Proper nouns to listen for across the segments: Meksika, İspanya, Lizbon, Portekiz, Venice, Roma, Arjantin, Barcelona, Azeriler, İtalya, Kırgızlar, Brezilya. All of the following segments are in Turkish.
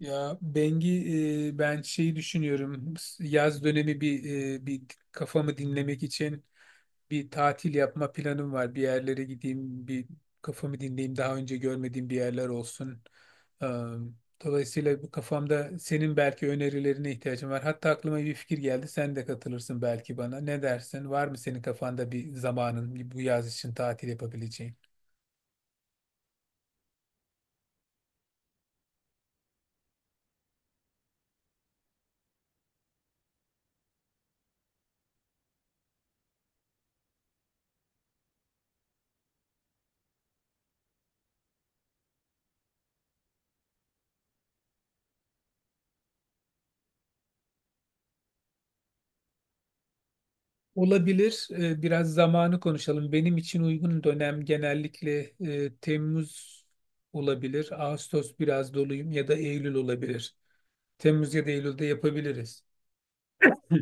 Ya Bengi, ben şeyi düşünüyorum. Yaz dönemi bir kafamı dinlemek için bir tatil yapma planım var. Bir yerlere gideyim, bir kafamı dinleyeyim. Daha önce görmediğim bir yerler olsun. Ee, Dolayısıyla bu kafamda senin belki önerilerine ihtiyacım var. Hatta aklıma bir fikir geldi. Sen de katılırsın belki bana. Ne dersin? Var mı senin kafanda bir zamanın bu yaz için tatil yapabileceğin? Olabilir. Biraz zamanı konuşalım. Benim için uygun dönem genellikle Temmuz olabilir. Ağustos biraz doluyum ya da Eylül olabilir. Temmuz ya da Eylül'de yapabiliriz. Hı.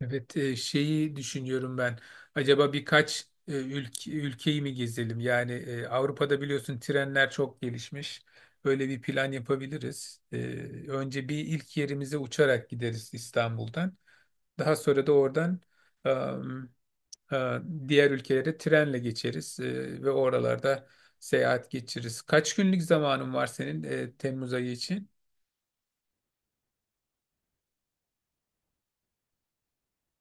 Evet, şeyi düşünüyorum ben. Acaba birkaç ülkeyi mi gezelim? Yani Avrupa'da biliyorsun trenler çok gelişmiş. Böyle bir plan yapabiliriz. Önce bir ilk yerimize uçarak gideriz İstanbul'dan. Daha sonra da oradan e, diğer ülkelere trenle geçeriz ve oralarda seyahat geçiririz. Kaç günlük zamanın var senin Temmuz ayı için?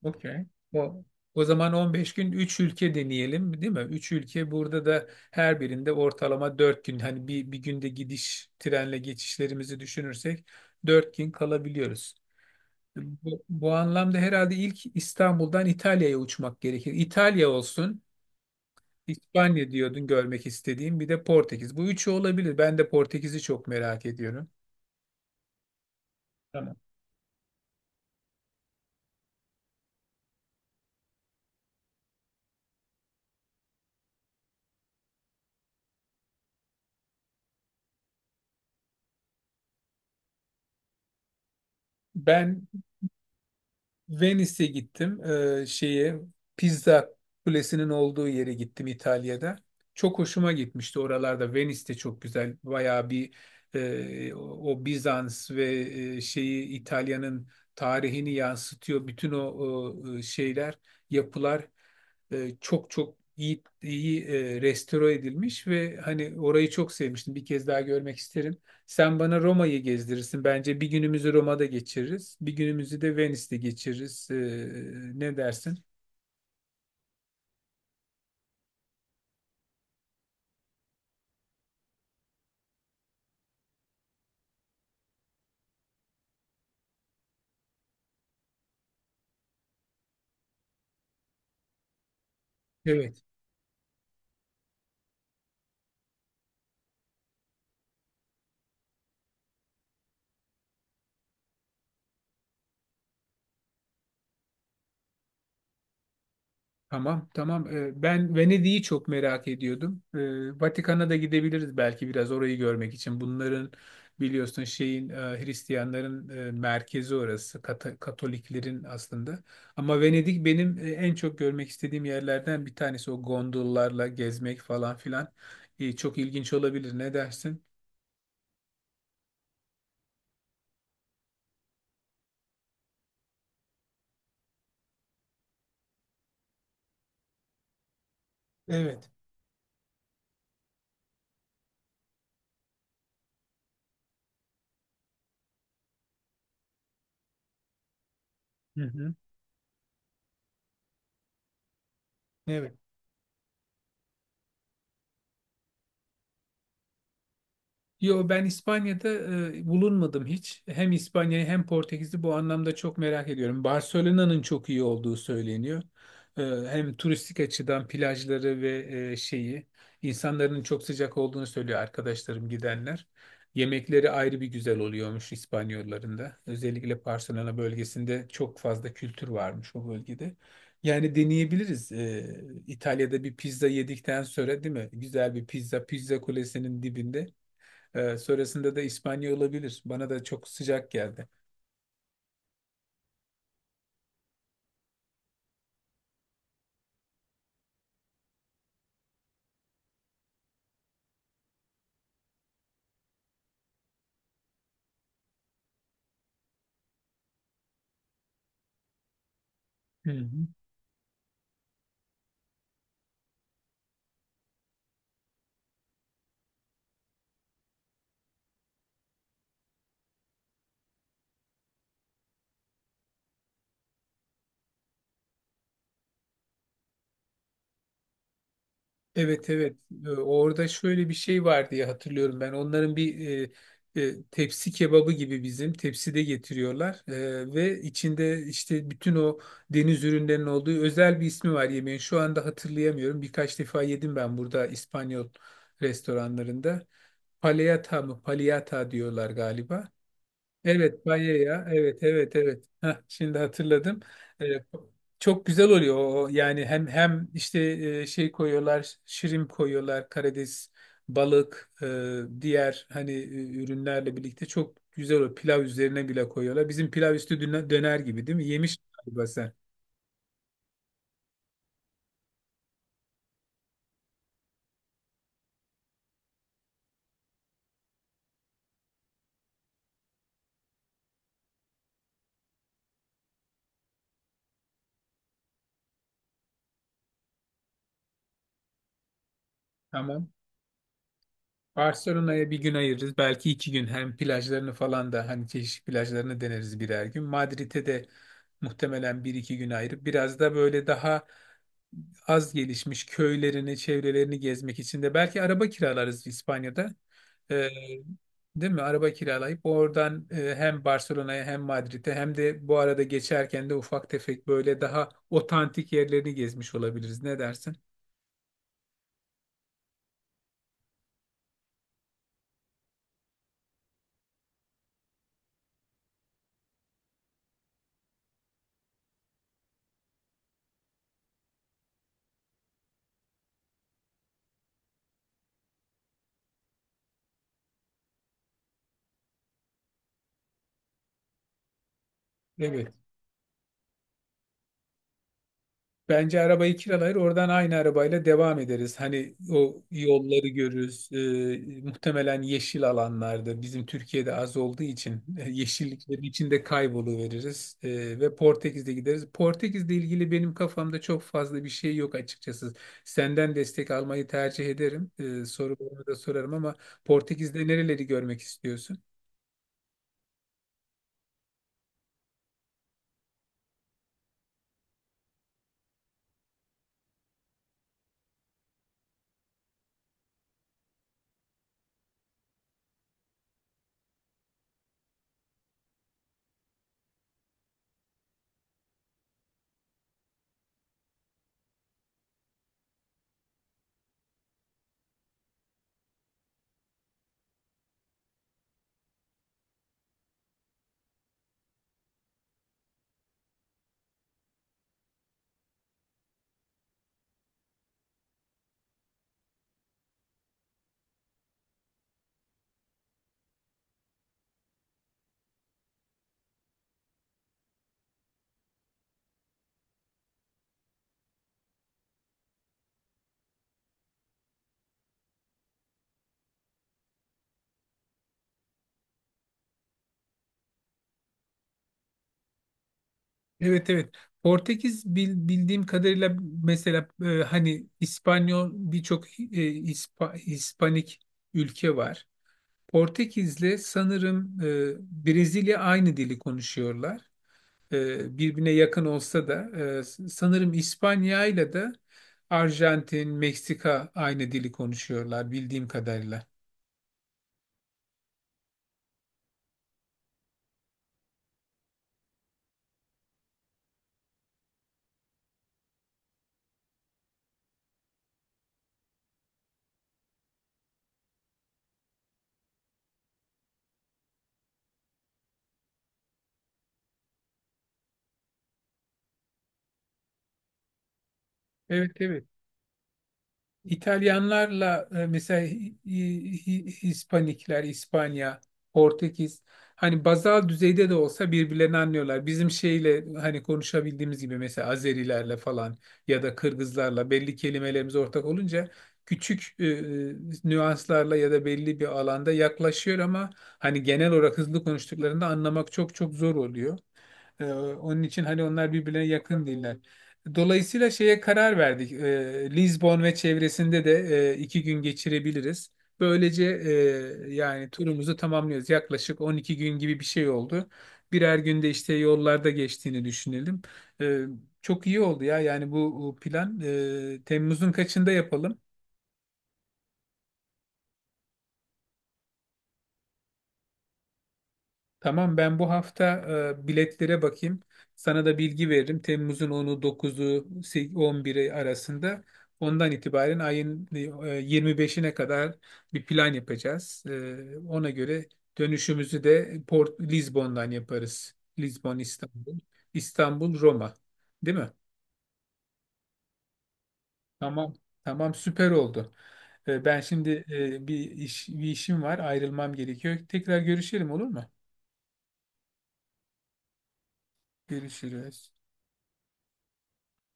Okey. O, o zaman 15 gün 3 ülke deneyelim, değil mi? 3 ülke burada da her birinde ortalama 4 gün, hani bir günde gidiş trenle geçişlerimizi düşünürsek 4 gün kalabiliyoruz. Bu anlamda herhalde ilk İstanbul'dan İtalya'ya uçmak gerekir. İtalya olsun. İspanya diyordun görmek istediğim. Bir de Portekiz. Bu üçü olabilir. Ben de Portekiz'i çok merak ediyorum. Tamam. Ben Venice'e gittim. Şeye Pizza Kulesi'nin olduğu yere gittim İtalya'da. Çok hoşuma gitmişti oralarda. Venice de çok güzel. Bayağı bir e, o o Bizans ve e, şeyi İtalya'nın tarihini yansıtıyor. Bütün o yapılar, çok çok iyi iyi, restore edilmiş ve hani orayı çok sevmiştim. Bir kez daha görmek isterim. Sen bana Roma'yı gezdirirsin. Bence bir günümüzü Roma'da geçiririz. Bir günümüzü de Venice'de geçiririz. Ne dersin? Evet. Tamam, tamam. Ben Venedik'i çok merak ediyordum. Vatikan'a da gidebiliriz belki biraz orayı görmek için. Bunların biliyorsun Hristiyanların merkezi orası. Katoliklerin aslında. Ama Venedik benim en çok görmek istediğim yerlerden bir tanesi. O gondollarla gezmek falan filan. Çok ilginç olabilir. Ne dersin? Evet. Hı hı. Evet. Yo, ben İspanya'da bulunmadım hiç. Hem İspanya'yı hem Portekiz'i bu anlamda çok merak ediyorum. Barcelona'nın çok iyi olduğu söyleniyor. E, hem turistik açıdan plajları ve e, şeyi insanların çok sıcak olduğunu söylüyor arkadaşlarım gidenler. Yemekleri ayrı bir güzel oluyormuş İspanyolların da. Özellikle Barcelona bölgesinde çok fazla kültür varmış o bölgede. Yani deneyebiliriz. İtalya'da bir pizza yedikten sonra, değil mi? Güzel bir pizza, pizza kulesinin dibinde. Sonrasında da İspanya olabilir. Bana da çok sıcak geldi. Hı hı. Evet, evet. Orada şöyle bir şey var diye hatırlıyorum ben. Onların bir tepsi kebabı gibi bizim tepside getiriyorlar. Ve içinde işte bütün o deniz ürünlerinin olduğu özel bir ismi var yemeğin. Şu anda hatırlayamıyorum. Birkaç defa yedim ben burada İspanyol restoranlarında. Paleyata mı? Paleyata diyorlar galiba. Evet, ya. Evet, evet, evet. Heh, şimdi hatırladım. Ee, çok güzel oluyor o. Yani hem işte, şirin koyuyorlar, karides, balık, diğer hani ürünlerle birlikte çok güzel, o pilav üzerine bile koyuyorlar. Bizim pilav üstü döner döner gibi, değil mi? Yemiş galiba sen. Tamam. Barcelona'ya bir gün ayırırız. Belki iki gün, hem plajlarını falan da hani çeşitli plajlarını deneriz birer gün. Madrid'e de muhtemelen bir iki gün ayırıp biraz da böyle daha az gelişmiş köylerini, çevrelerini gezmek için de belki araba kiralarız İspanya'da. Ee, değil mi? Araba kiralayıp oradan hem Barcelona'ya hem Madrid'e hem de bu arada geçerken de ufak tefek böyle daha otantik yerlerini gezmiş olabiliriz. Ne dersin? Evet. Bence arabayı kiralayır, oradan aynı arabayla devam ederiz. Hani o yolları görürüz. Muhtemelen yeşil alanlarda bizim Türkiye'de az olduğu için yeşilliklerin içinde kayboluveririz. Ve Portekiz'de gideriz. Portekiz'le ilgili benim kafamda çok fazla bir şey yok açıkçası. Senden destek almayı tercih ederim. Sorularımı da sorarım ama Portekiz'de nereleri görmek istiyorsun? Evet, evet. Portekiz bildiğim kadarıyla, mesela hani İspanyol, birçok İspanik ülke var. Portekiz'le sanırım Brezilya aynı dili konuşuyorlar. Birbirine yakın olsa da sanırım İspanya'yla da Arjantin, Meksika aynı dili konuşuyorlar bildiğim kadarıyla. Evet, evet. İtalyanlarla mesela Hispanikler, İspanya, Portekiz hani bazal düzeyde de olsa birbirlerini anlıyorlar. Bizim şeyle hani konuşabildiğimiz gibi mesela Azerilerle falan ya da Kırgızlarla belli kelimelerimiz ortak olunca küçük nüanslarla ya da belli bir alanda yaklaşıyor, ama hani genel olarak hızlı konuştuklarında anlamak çok çok zor oluyor. Onun için hani onlar birbirlerine yakın değiller. Dolayısıyla şeye karar verdik. Lizbon ve çevresinde de iki gün geçirebiliriz. Böylece, yani turumuzu tamamlıyoruz. Yaklaşık 12 gün gibi bir şey oldu. Birer günde işte yollarda geçtiğini düşünelim. Ee, çok iyi oldu ya. Yani bu plan, Temmuz'un kaçında yapalım? Tamam, ben bu hafta biletlere bakayım. Sana da bilgi veririm. Temmuz'un 10'u, 11'i arasında. Ondan itibaren ayın 25'ine kadar bir plan yapacağız. Ona göre dönüşümüzü de Port Lizbon'dan yaparız. Lizbon, İstanbul. İstanbul, Roma. Değil mi? Tamam. Tamam, süper oldu. Ben şimdi bir işim var. Ayrılmam gerekiyor. Tekrar görüşelim, olur mu? Görüşürüz.